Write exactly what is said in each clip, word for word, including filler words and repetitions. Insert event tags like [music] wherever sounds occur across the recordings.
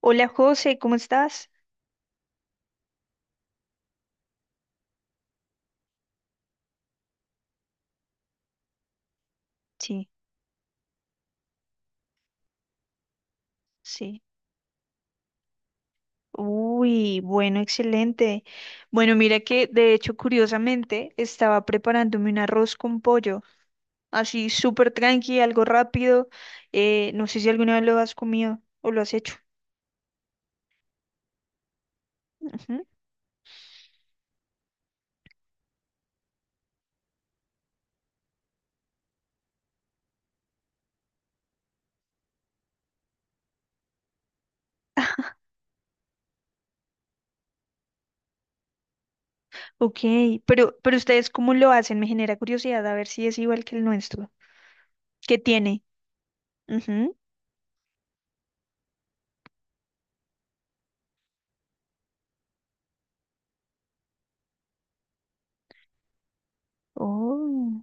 Hola José, ¿cómo estás? Sí, sí. Uy, bueno, excelente. Bueno, mira que de hecho, curiosamente, estaba preparándome un arroz con pollo, así súper tranqui, algo rápido. Eh, no sé si alguna vez lo has comido o lo has hecho. Ujú. Ok, pero, pero ustedes cómo lo hacen, me genera curiosidad a ver si es igual que el nuestro. ¿Qué tiene? Ujú. Oh,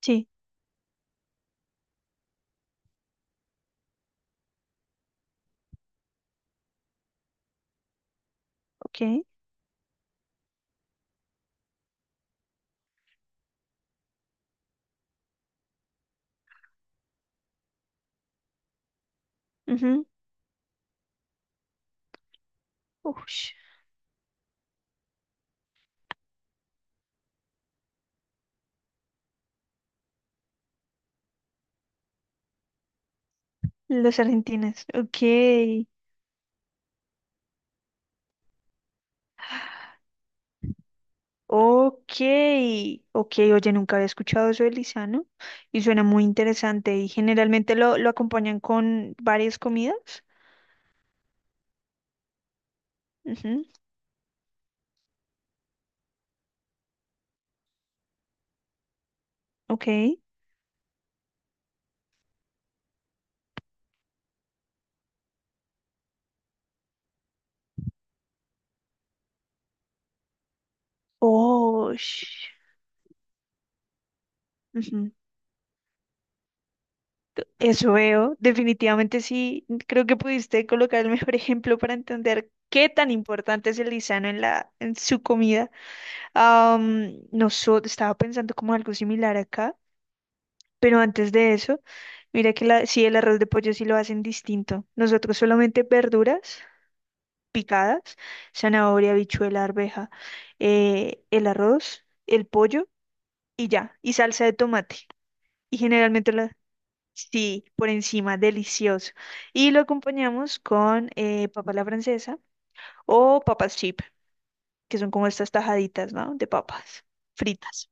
sí, ok. Ujú. Ush, los argentinos, ok. Ok, ok, oye, nunca había escuchado eso del lisano y suena muy interesante y generalmente lo, lo acompañan con varias comidas. Ujú. Ok, oh, sh- ujú. Eso veo, definitivamente sí, creo que pudiste colocar el mejor [laughs] ejemplo para entender qué tan importante es el lisano en la, en su comida. Am, no so- Estaba pensando como algo similar acá. Pero antes de eso, mira que la, sí, el arroz de pollo sí lo hacen distinto. Nosotros solamente verduras picadas, zanahoria, habichuela, arveja, eh, el arroz, el pollo y ya, y salsa de tomate. Y generalmente la, sí, por encima, delicioso. Y lo acompañamos con eh, papa a la francesa o papas chip, que son como estas tajaditas, ¿no? De papas fritas.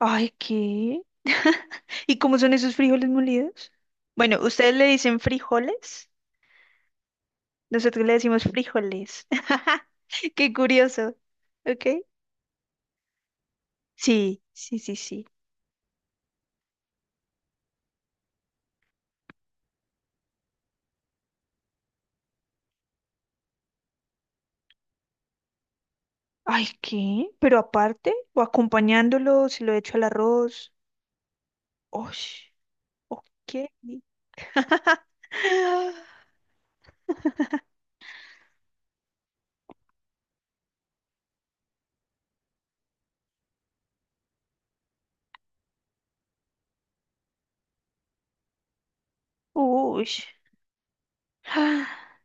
Ay, ¿qué? [laughs] ¿Y cómo son esos frijoles molidos? Bueno, ustedes le dicen frijoles, nosotros le decimos frijoles. [laughs] Qué curioso. ¿Ok? Sí, sí, sí, sí. Ay, ¿qué? Pero aparte, o acompañándolo, si lo echo al arroz. Ush, ok. [laughs] Ush. [gasps]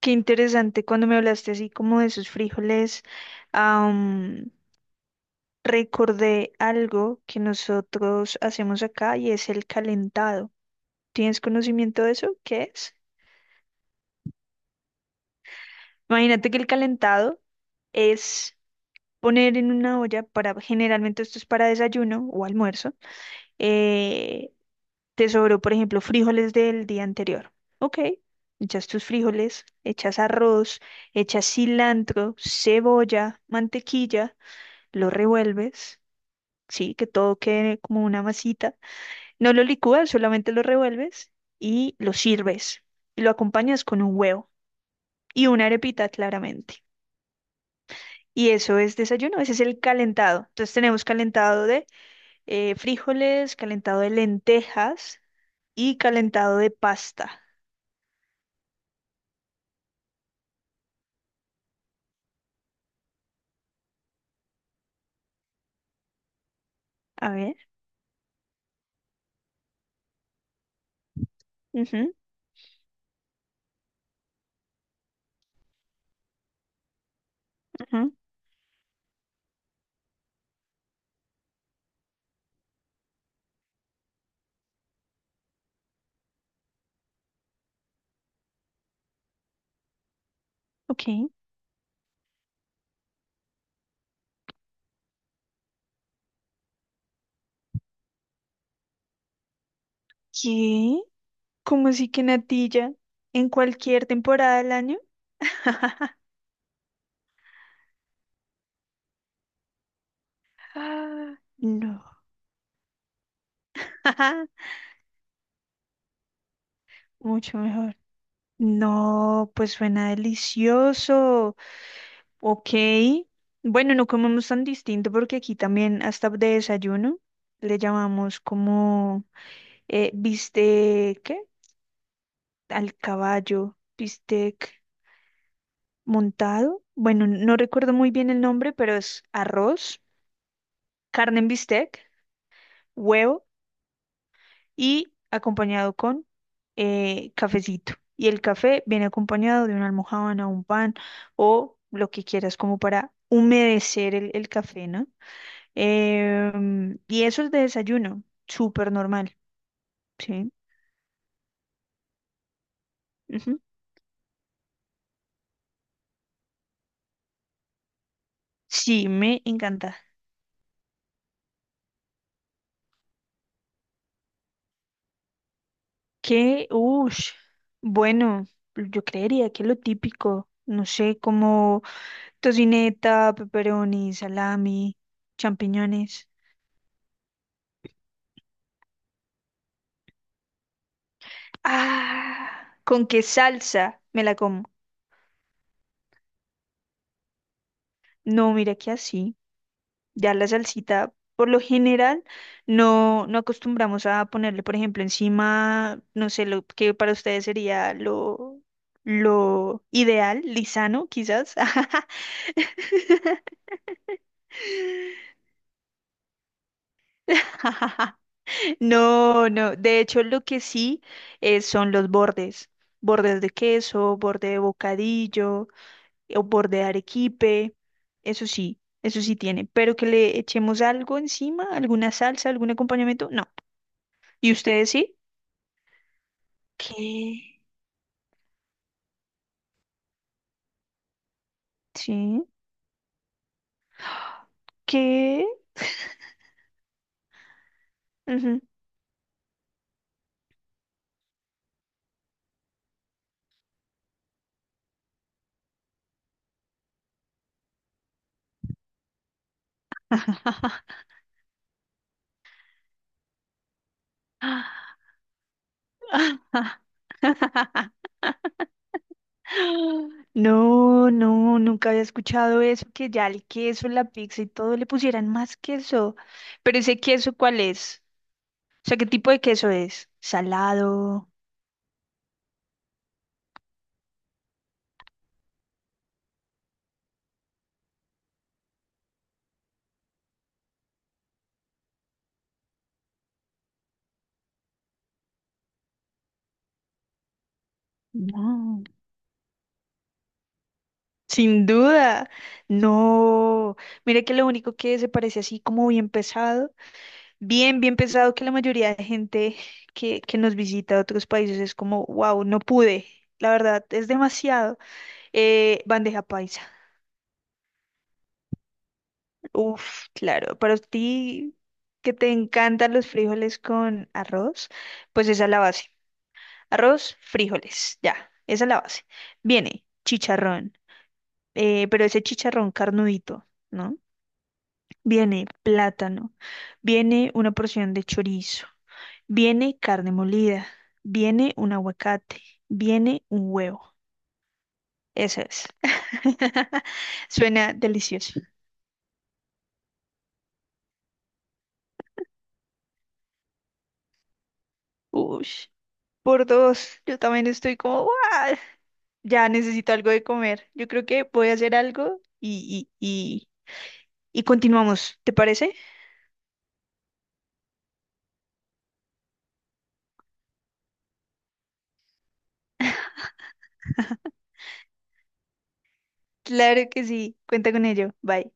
Qué interesante cuando me hablaste así como de sus frijoles. am, Recordé algo que nosotros hacemos acá y es el calentado. ¿Tienes conocimiento de eso? ¿Qué es? Imagínate que el calentado es poner en una olla para, generalmente esto es para desayuno o almuerzo. eh, Te sobró, por ejemplo, frijoles del día anterior. Ok, echas tus frijoles, echas arroz, echas cilantro, cebolla, mantequilla, lo revuelves, sí, que todo quede como una masita. No lo licúas, solamente lo revuelves y lo sirves. Y lo acompañas con un huevo y una arepita, claramente. Y eso es desayuno, ese es el calentado. Entonces tenemos calentado de eh, frijoles, calentado de lentejas y calentado de pasta. A ver. Ujú, ujú. Ok. ¿Qué? ¿Cómo así que natilla? ¿En cualquier temporada del año? [laughs] Ah, no. [laughs] Mucho mejor. No, pues suena delicioso. Ok. Bueno, no comemos tan distinto porque aquí también hasta de desayuno le llamamos como eh, bistec, ¿qué? Al caballo, bistec montado. Bueno, no recuerdo muy bien el nombre, pero es arroz, carne en bistec, huevo. Y acompañado con eh, cafecito. Y el café viene acompañado de una almojábana, un pan o lo que quieras como para humedecer el, el café, ¿no? Em, y eso es de desayuno, súper normal, ¿sí? Ujú. Sí, me encanta. Que, uff, bueno, yo creería que lo típico, no sé, como tocineta, pepperoni, salami, champiñones. Ah, ¿con qué salsa me la como? No, mira que así, ya la salsita, por lo general, no, no acostumbramos a ponerle, por ejemplo, encima, no sé, lo que para ustedes sería lo, lo ideal, lisano, quizás. [laughs] [laughs] No, no, de hecho lo que sí eh, son los bordes, bordes de queso, borde de bocadillo. O borde de arequipe, eso sí, eso sí tiene, pero que le echemos algo encima, alguna salsa, algún acompañamiento, no. ¿Y ustedes sí? ¿Qué? Sí. ¿Qué? Ujú. [laughs] No, no, nunca había escuchado eso, que ya el queso, la pizza y todo le pusieran más queso. Pero ese queso, ¿cuál es? O sea, ¿qué tipo de queso es? Salado. No. Sin duda, no. Mira que lo único que se parece así como bien pesado, bien, bien pesado que la mayoría de gente que, que nos visita de otros países es como, wow, no pude. La verdad, es demasiado. Eh, bandeja paisa. Uf, claro. Para ti que te encantan los frijoles con arroz, pues esa es la base. Arroz, frijoles, ya, esa es la base. Viene chicharrón, eh, pero ese chicharrón carnudito. ¿No? Viene plátano, viene una porción de chorizo, viene carne molida, viene un aguacate, viene un huevo. Eso es. [laughs] Suena delicioso. Uy, por dos. Yo también estoy como, ¡guau! Ya necesito algo de comer. Yo creo que voy a hacer algo y, y, y, y continuamos. ¿Te parece? Claro que sí. Cuenta con ello. Bye.